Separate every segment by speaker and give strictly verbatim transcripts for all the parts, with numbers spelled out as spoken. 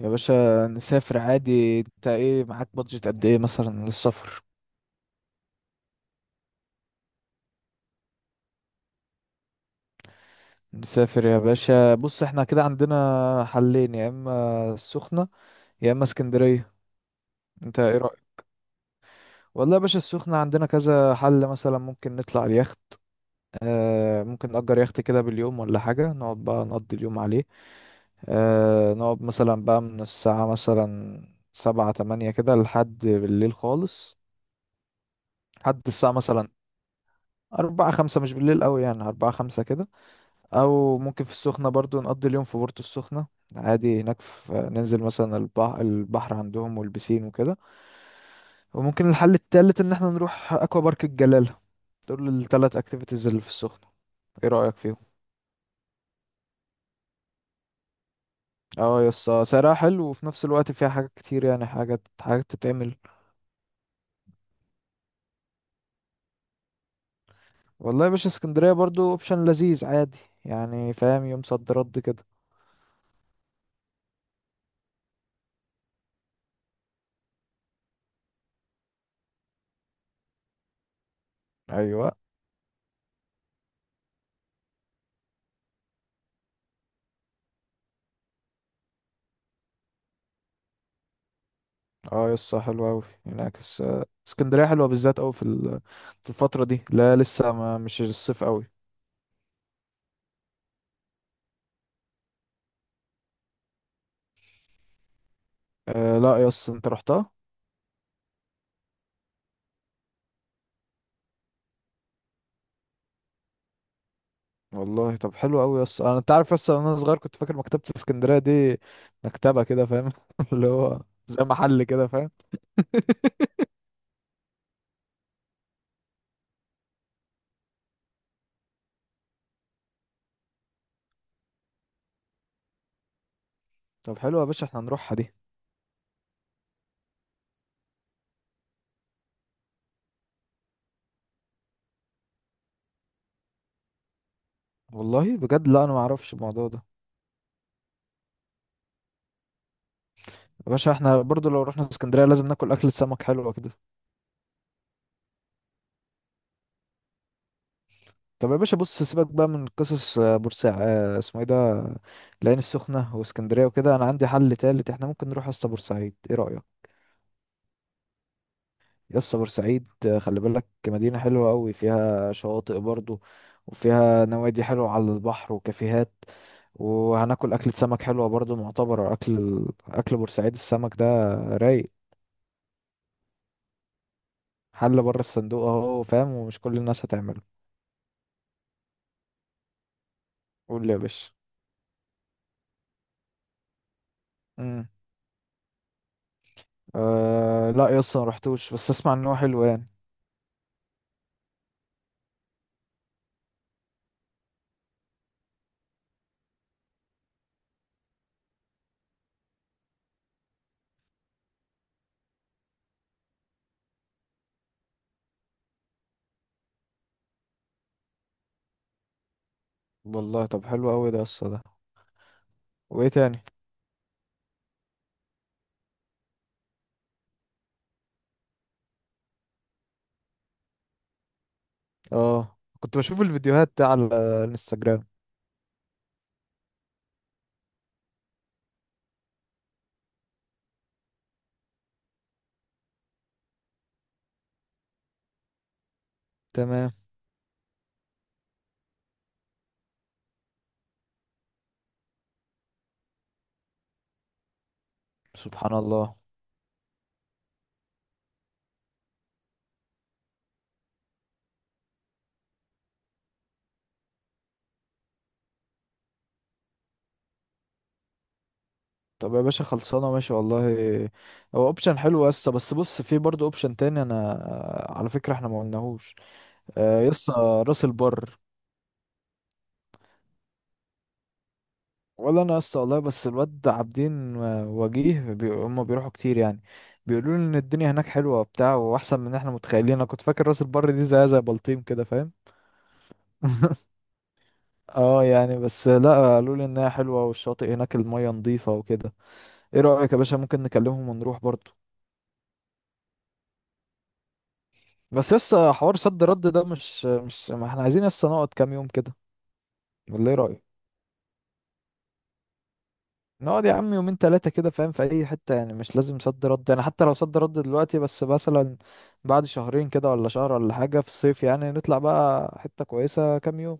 Speaker 1: يا باشا، نسافر عادي. انت ايه معاك بادجت قد ايه مثلا للسفر؟ نسافر يا باشا. بص، احنا كده عندنا حلين، يا اما السخنة يا اما اسكندرية. انت ايه رأيك؟ والله يا باشا، السخنة عندنا كذا حل. مثلا ممكن نطلع اليخت. آه ممكن نأجر يخت كده باليوم ولا حاجة، نقعد بقى نقضي اليوم عليه. آه نقعد مثلا بقى من الساعة مثلا سبعة تمانية كده، لحد بالليل خالص. لحد الساعة مثلا أربعة خمسة، مش بالليل أوي يعني، أربعة خمسة كده. او ممكن في السخنة برضو نقضي اليوم في بورتو السخنة. عادي هناك، في ننزل مثلا البحر، البحر عندهم والبسين وكده. وممكن الحل التالت ان احنا نروح اكوا بارك الجلالة. دول التلات اكتيفيتيز اللي في السخنة. ايه رأيك فيهم؟ اه، يس، سعرها حلو وفي نفس الوقت فيها حاجات كتير، يعني حاجات حاجات تتعمل. والله يا باشا، اسكندرية برضو اوبشن لذيذ عادي. يعني فاهم، يوم صد رد كده. ايوه. اه، يسا، حلو أوي ينعكس. آه، اسكندرية حلوة بالذات أوي في ال- في الفترة دي، لا لسه ما مش الصيف أوي. آه، لا يسا، انت رحتها؟ والله طب حلو أوي يسا. انا انت عارف يسا، وانا صغير كنت فاكر مكتبة اسكندرية دي مكتبة كده فاهم اللي هو زي محل كده فاهم. طب حلو يا باشا، احنا هنروحها دي. والله بجد، لا انا ما اعرفش الموضوع ده. يا باشا، احنا برضو لو رحنا اسكندرية لازم ناكل أكل السمك، حلوة كده. طب يا باشا، بص، سيبك بقى من قصص آه، بورسعيد آه، اسمه ايه ده. العين السخنة واسكندرية وكده، انا عندي حل تالت، احنا ممكن نروح يا اسطى بورسعيد. ايه رأيك؟ يا اسطى، بورسعيد، آه، خلي بالك مدينة حلوة قوي، فيها شواطئ برضو. وفيها نوادي حلوة على البحر وكافيهات. وهناكل أكلة سمك حلوة برضو، معتبرة أكل أكل بورسعيد السمك ده. رايق. حل بره الصندوق اهو فاهم، ومش كل الناس هتعمله. قول لي يا باشا. امم. آه لا يا اسطى، ما رحتوش، بس اسمع ان هو حلو يعني. والله طب حلو قوي ده الصلاة ده. وايه تاني؟ اه، كنت بشوف الفيديوهات دي على الانستجرام. تمام. سبحان الله. طب يا باشا، خلصانه ماشي والله. هو اوبشن حلو يسطا، بس بص، في برضه اوبشن تاني، انا على فكره احنا ما قلناهوش. آه، يسطا راس البر. ولا انا يسطا والله، بس الواد عابدين وجيه بي... هم بيروحوا كتير يعني. بيقولوا لي ان الدنيا هناك حلوه وبتاع، واحسن من احنا متخيلين. انا كنت فاكر راس البر دي زي زي بلطيم كده فاهم. اه يعني، بس لا، قالوا لي انها حلوه والشاطئ هناك الميه نظيفه وكده. ايه رايك يا باشا؟ ممكن نكلمهم ونروح برضو. بس لسه حوار صد رد ده مش مش ما احنا عايزين، لسه نقعد كام يوم كده. ولا ايه رايك؟ نقعد يا عم يومين ثلاثه كده فاهم، في اي حته يعني، مش لازم صد رد يعني. حتى لو صد رد دلوقتي، بس مثلا بعد شهرين كده ولا شهر ولا حاجه في الصيف، يعني نطلع بقى حته كويسه كام يوم.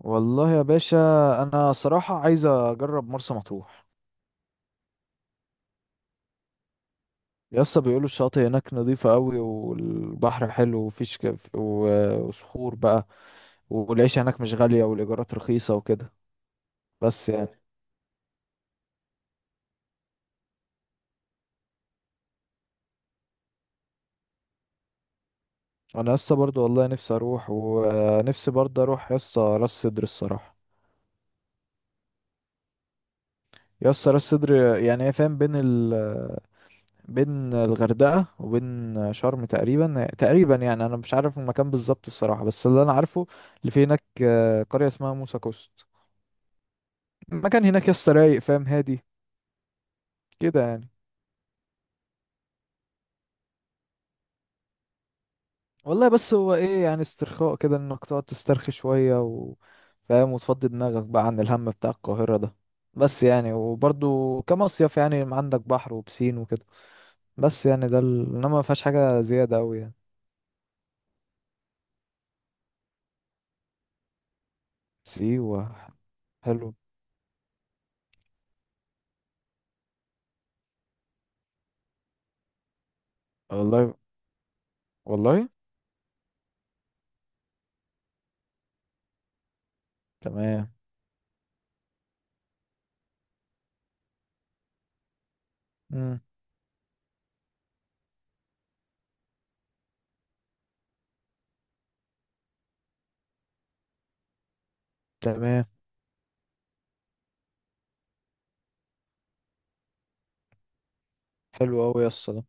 Speaker 1: والله يا باشا، انا صراحه عايز اجرب مرسى مطروح. يسا بيقولوا الشاطئ هناك نظيفة قوي، والبحر حلو، وفيش كف و- وصخور بقى. والعيشة هناك مش غالية والإيجارات رخيصة وكده. بس يعني. أنا يسا برضو والله نفسي أروح، ونفسي برضو أروح يسا راس سدر الصراحة. يسا، راس سدر. يعني هي فاهم بين ال بين الغردقة وبين شرم تقريبا تقريبا يعني، أنا مش عارف المكان بالظبط الصراحة، بس اللي أنا عارفه اللي في هناك آه، قرية اسمها موسى كوست. المكان هناك يسا رايق فاهم، هادي كده يعني. والله بس هو ايه، يعني استرخاء كده، انك تقعد تسترخي شوية و... فاهم، وتفضي دماغك بقى عن الهم بتاع القاهرة ده. بس يعني، وبرضو كمصيف يعني عندك بحر وبسين وكده. بس يعني ده ال... انما ما فيهاش حاجة زيادة اوي يعني. سيوة؟ حلو. والله. والله. تمام. امم. تمام. حلو اوي يا اسطى ده.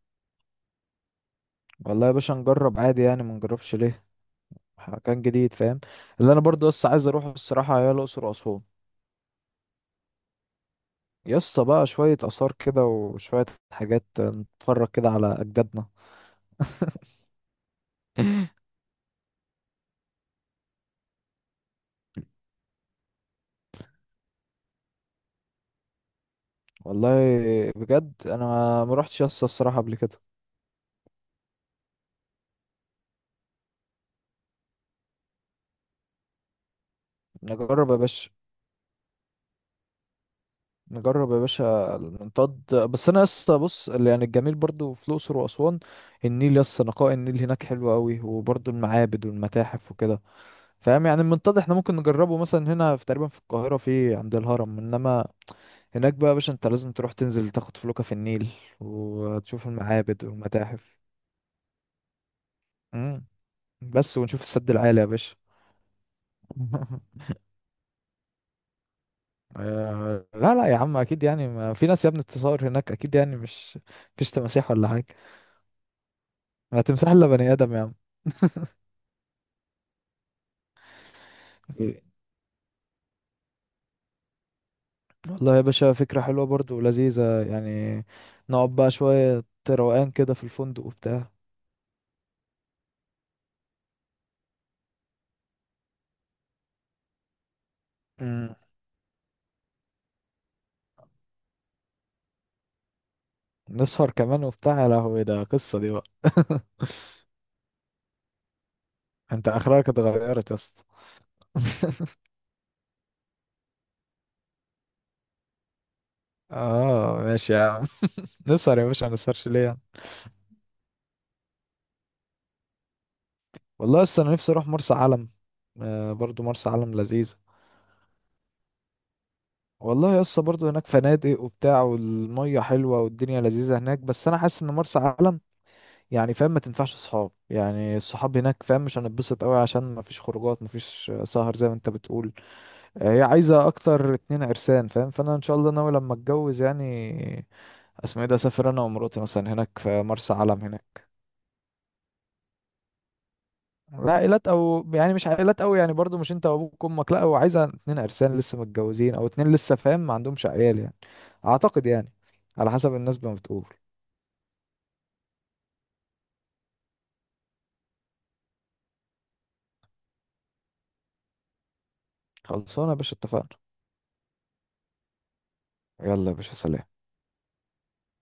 Speaker 1: والله يا باشا، نجرب عادي يعني، ما نجربش ليه. مكان جديد فاهم. اللي انا برضو بس عايز اروحه الصراحة هي الاقصر واسوان. يسطا، بقى شوية آثار كده وشوية حاجات نتفرج كده على أجدادنا. والله بجد أنا ما ما روحتش يسطا الصراحة قبل كده. نجرب يا باشا. نجرب يا باشا المنطاد، بس أنا يسطا بص، اللي يعني الجميل برضو في الأقصر وأسوان، النيل يسطا، نقاء النيل هناك حلو أوي، وبرضو المعابد والمتاحف وكده. فاهم يعني، المنطاد احنا ممكن نجربه مثلا هنا في تقريبا في القاهرة في عند الهرم، إنما هناك بقى يا باشا، أنت لازم تروح تنزل تاخد فلوكة في النيل، وتشوف المعابد والمتاحف. مم. بس ونشوف السد العالي يا باشا. آه، لا لا يا عم، اكيد يعني ما في ناس يا ابني بتتصور هناك، اكيد يعني مش مفيش تماسيح ولا حاجه. ما تمسح الا بني ادم يا عم. إيه. والله يا باشا، فكره حلوه برضو ولذيذه. يعني نقعد بقى شويه روقان كده في الفندق وبتاع. مم. نسهر كمان وبتاع؟ يا لهوي، ده قصه دي بقى! انت اخرك اتغيرت يا اسطى. اه ماشي يا عم، نسهر يا باشا، ما نسهرش ليه. والله لسه انا نفسي اروح مرسى علم. آه، برضو مرسى علم لذيذة. والله لسه برضو هناك فنادق وبتاع، والمية حلوة والدنيا لذيذة هناك، بس انا حاسس ان مرسى علم يعني فاهم ما تنفعش صحاب يعني، الصحاب هناك فاهم مش هنتبسط قوي، عشان ما فيش خروجات، ما فيش سهر زي ما انت بتقول. آه، هي عايزة اكتر اتنين عرسان فاهم، فانا ان شاء الله ناوي لما اتجوز يعني. آه، اسمه ايه ده، اسافر انا ومراتي مثلا هناك في مرسى علم هناك. لا، عائلات او يعني مش عائلات قوي يعني، برضو مش انت وابوك وامك، لا هو عايزه اتنين عرسان لسه متجوزين، او اتنين لسه فاهم ما عندهمش عيال يعني. اعتقد يعني، على حسب الناس ما بتقول. خلصونا يا باشا، اتفقنا. يلا يا باشا، سلام.